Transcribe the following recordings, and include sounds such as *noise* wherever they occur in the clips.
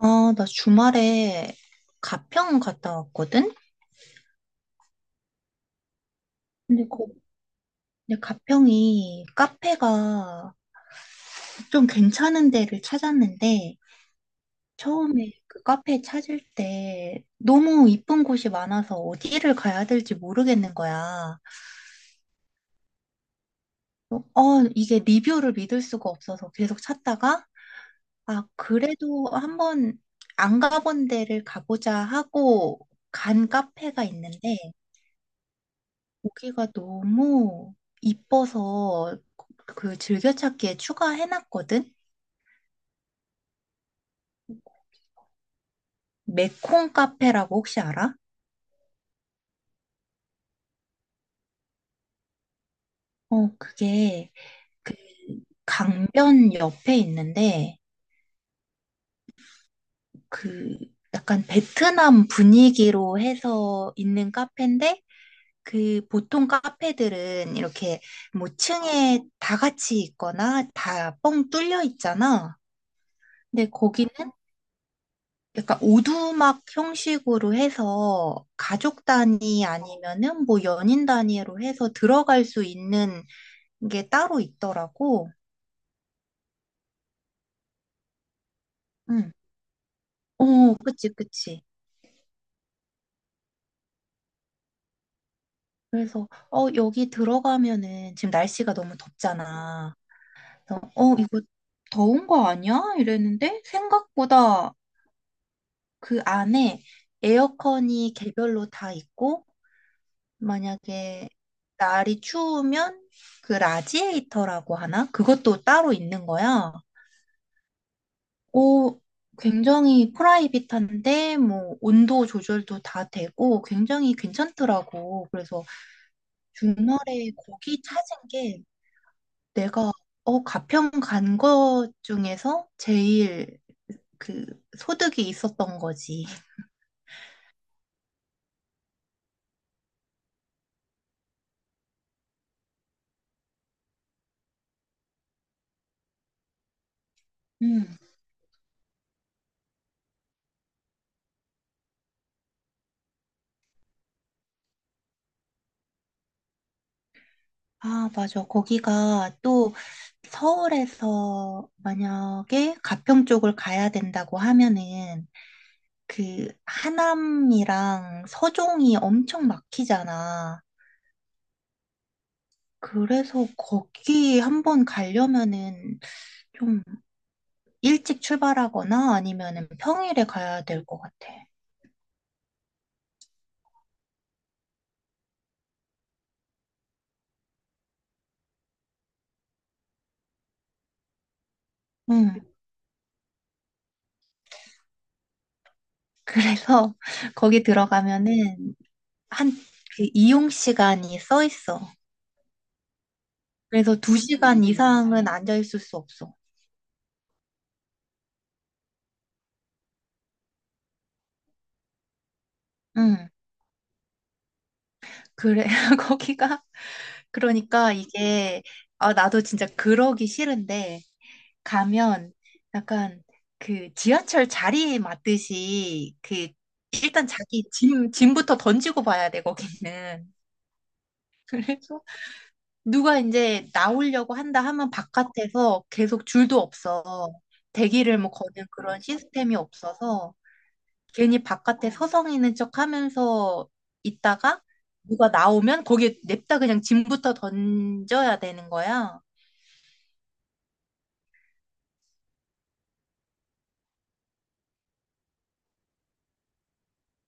아, 나 주말에 가평 갔다 왔거든? 근데 거, 근데 가평이 카페가 좀 괜찮은 데를 찾았는데, 처음에 그 카페 찾을 때 너무 이쁜 곳이 많아서 어디를 가야 될지 모르겠는 거야. 어, 어, 이게 리뷰를 믿을 수가 없어서 계속 찾다가, 아, 그래도 한번 안 가본 데를 가보자 하고 간 카페가 있는데, 고기가 너무 이뻐서 그 즐겨찾기에 추가해놨거든? 메콩 카페라고 혹시 알아? 어, 그게 그 강변 옆에 있는데 그 약간 베트남 분위기로 해서 있는 카페인데 그 보통 카페들은 이렇게 뭐 층에 다 같이 있거나 다 뻥 뚫려 있잖아. 근데 거기는 약간 오두막 형식으로 해서 가족 단위 아니면은 뭐 연인 단위로 해서 들어갈 수 있는 게 따로 있더라고. 응. 어, 그치, 그치. 그래서, 어, 여기 들어가면은 지금 날씨가 너무 덥잖아. 그래서, 어, 이거 더운 거 아니야? 이랬는데 생각보다 그 안에 에어컨이 개별로 다 있고 만약에 날이 추우면 그 라지에이터라고 하나? 그것도 따로 있는 거야. 오, 굉장히 프라이빗한데 뭐 온도 조절도 다 되고 굉장히 괜찮더라고. 그래서 주말에 거기 찾은 게 내가 어, 가평 간 것 중에서 제일 그 소득이 있었던 거지. 음. 아, 맞아. 거기가 또 서울에서 만약에 가평 쪽을 가야 된다고 하면은 그 하남이랑 서종이 엄청 막히잖아. 그래서 거기 한번 가려면은 좀 일찍 출발하거나 아니면은 평일에 가야 될 것 같아. 응. 그래서 *laughs* 거기 들어가면은 한 그 이용 시간이 써 있어. 그래서 2시간 이상은 앉아 있을 수 없어. 응. 그래, *laughs* 거기가. 그러니까 이게, 아, 나도 진짜 그러기 싫은데, 가면 약간 그 지하철 자리에 맞듯이 그, 일단 자기 짐부터 던지고 봐야 돼, 거기는. *laughs* 그래서 누가 이제 나오려고 한다 하면 바깥에서 계속 줄도 없어. 대기를 뭐 거는 그런 시스템이 없어서 괜히 바깥에 서성이는 척 하면서 있다가 누가 나오면 거기에 냅다 그냥 짐부터 던져야 되는 거야.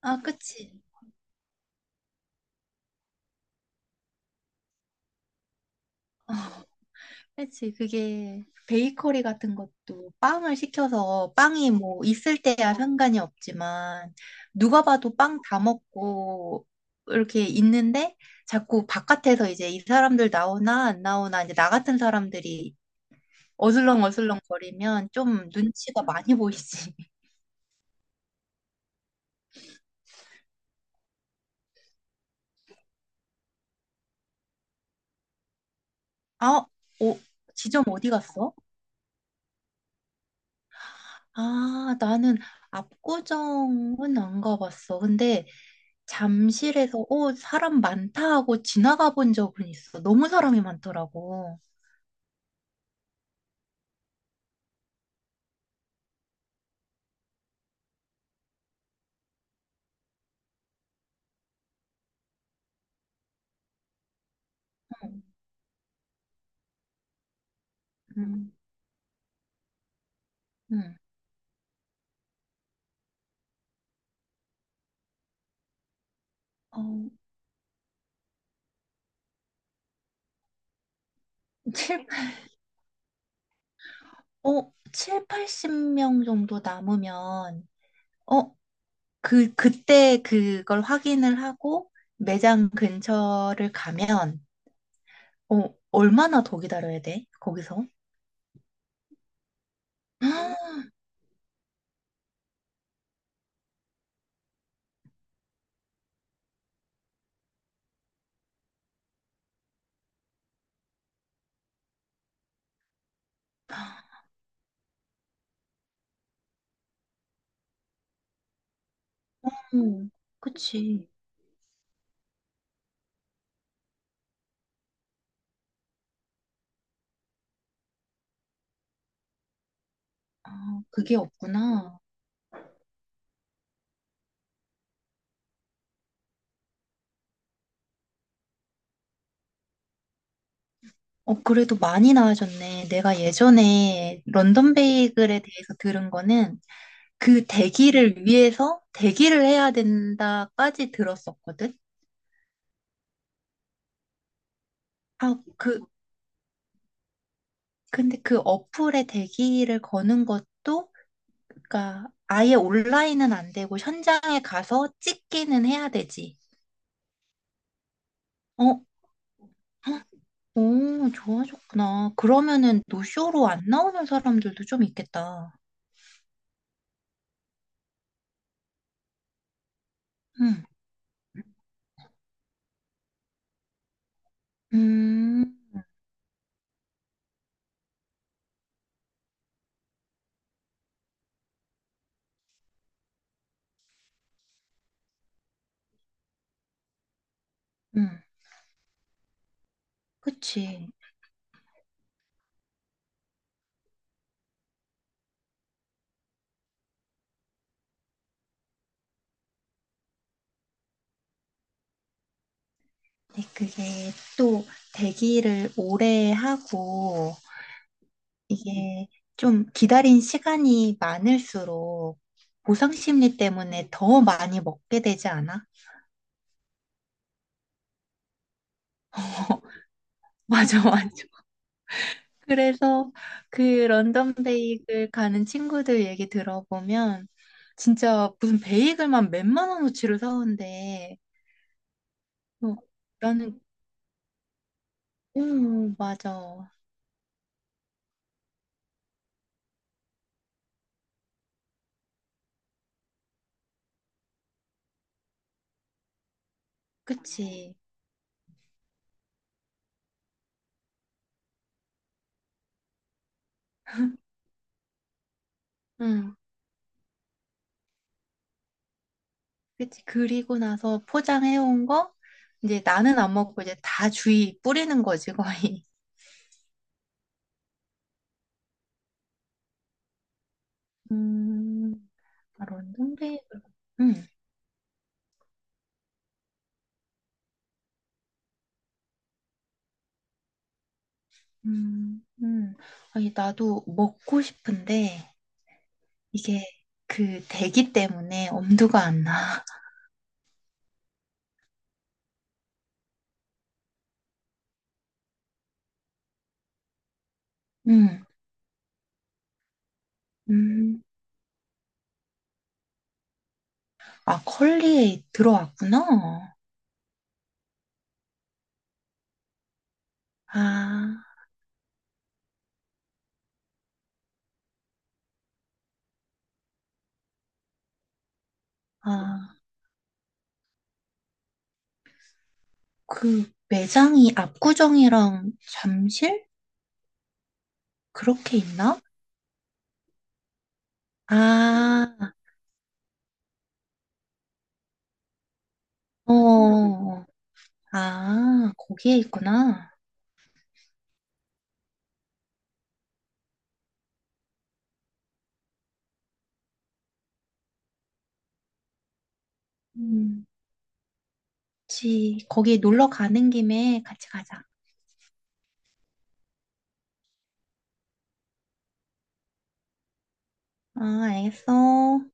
아, 그치. 그치. 그게 베이커리 같은 것도 빵을 시켜서 빵이 뭐 있을 때야 상관이 없지만 누가 봐도 빵 다 먹고 이렇게 있는데 자꾸 바깥에서 이제 이 사람들 나오나 안 나오나 이제 나 같은 사람들이 어슬렁어슬렁 거리면 좀 눈치가 많이 보이지. 아, 어, 지점 어디 갔어? 아, 나는 압구정은 안 가봤어. 근데 잠실에서, 어, 사람 많다 하고 지나가 본 적은 있어. 너무 사람이 많더라고. 응, 응. 응. 어, *laughs* 7, 7, 80명 정도 남으면, 어, 그때 그걸 확인을 하고 매장 근처를 가면, 어, 얼마나 더 기다려야 돼? 거기서? *gasps* 음, 그치. 아, 그게 없구나. 어, 그래도 많이 나아졌네. 내가 예전에 런던 베이글에 대해서 들은 거는 그 대기를 위해서 대기를 해야 된다까지 들었었거든. 아, 그, 근데 그 어플에 대기를 거는 것도, 그러니까 아예 온라인은 안 되고 현장에 가서 찍기는 해야 되지. 어, 헉, 오, 좋아졌구나. 그러면은 노쇼로 안 나오는 사람들도 좀 있겠다. 응, 음, 음. 그치. 네, 그게 또 대기를 오래 하고 이게 좀 기다린 시간이 많을수록 보상 심리 때문에 더 많이 먹게 되지 않아? *laughs* 맞아, 맞아. 그래서 그 런던 베이글 가는 친구들 얘기 들어보면 진짜 무슨 베이글만 몇만 원어치를 사온대. 어, 나는, 응, 맞아. 그치. 응. 그치. 그리고 나서 포장해온 거, 이제 나는 안 먹고 이제 다 주위 뿌리는 거지, 거의. *laughs* 음, 아런이데 음, 음, 음. 아니, 나도 먹고 싶은데, 이게 그 대기 때문에 엄두가 안 나. *laughs* 음, 음. 아, 컬리에 들어왔구나. 아, 아, 그 매장이 압구정이랑 잠실? 그렇게 있나? 아, 어, 아, 거기에 있구나. 음. 그치. 거기 놀러 가는 김에 같이 가자. 아, 알겠어.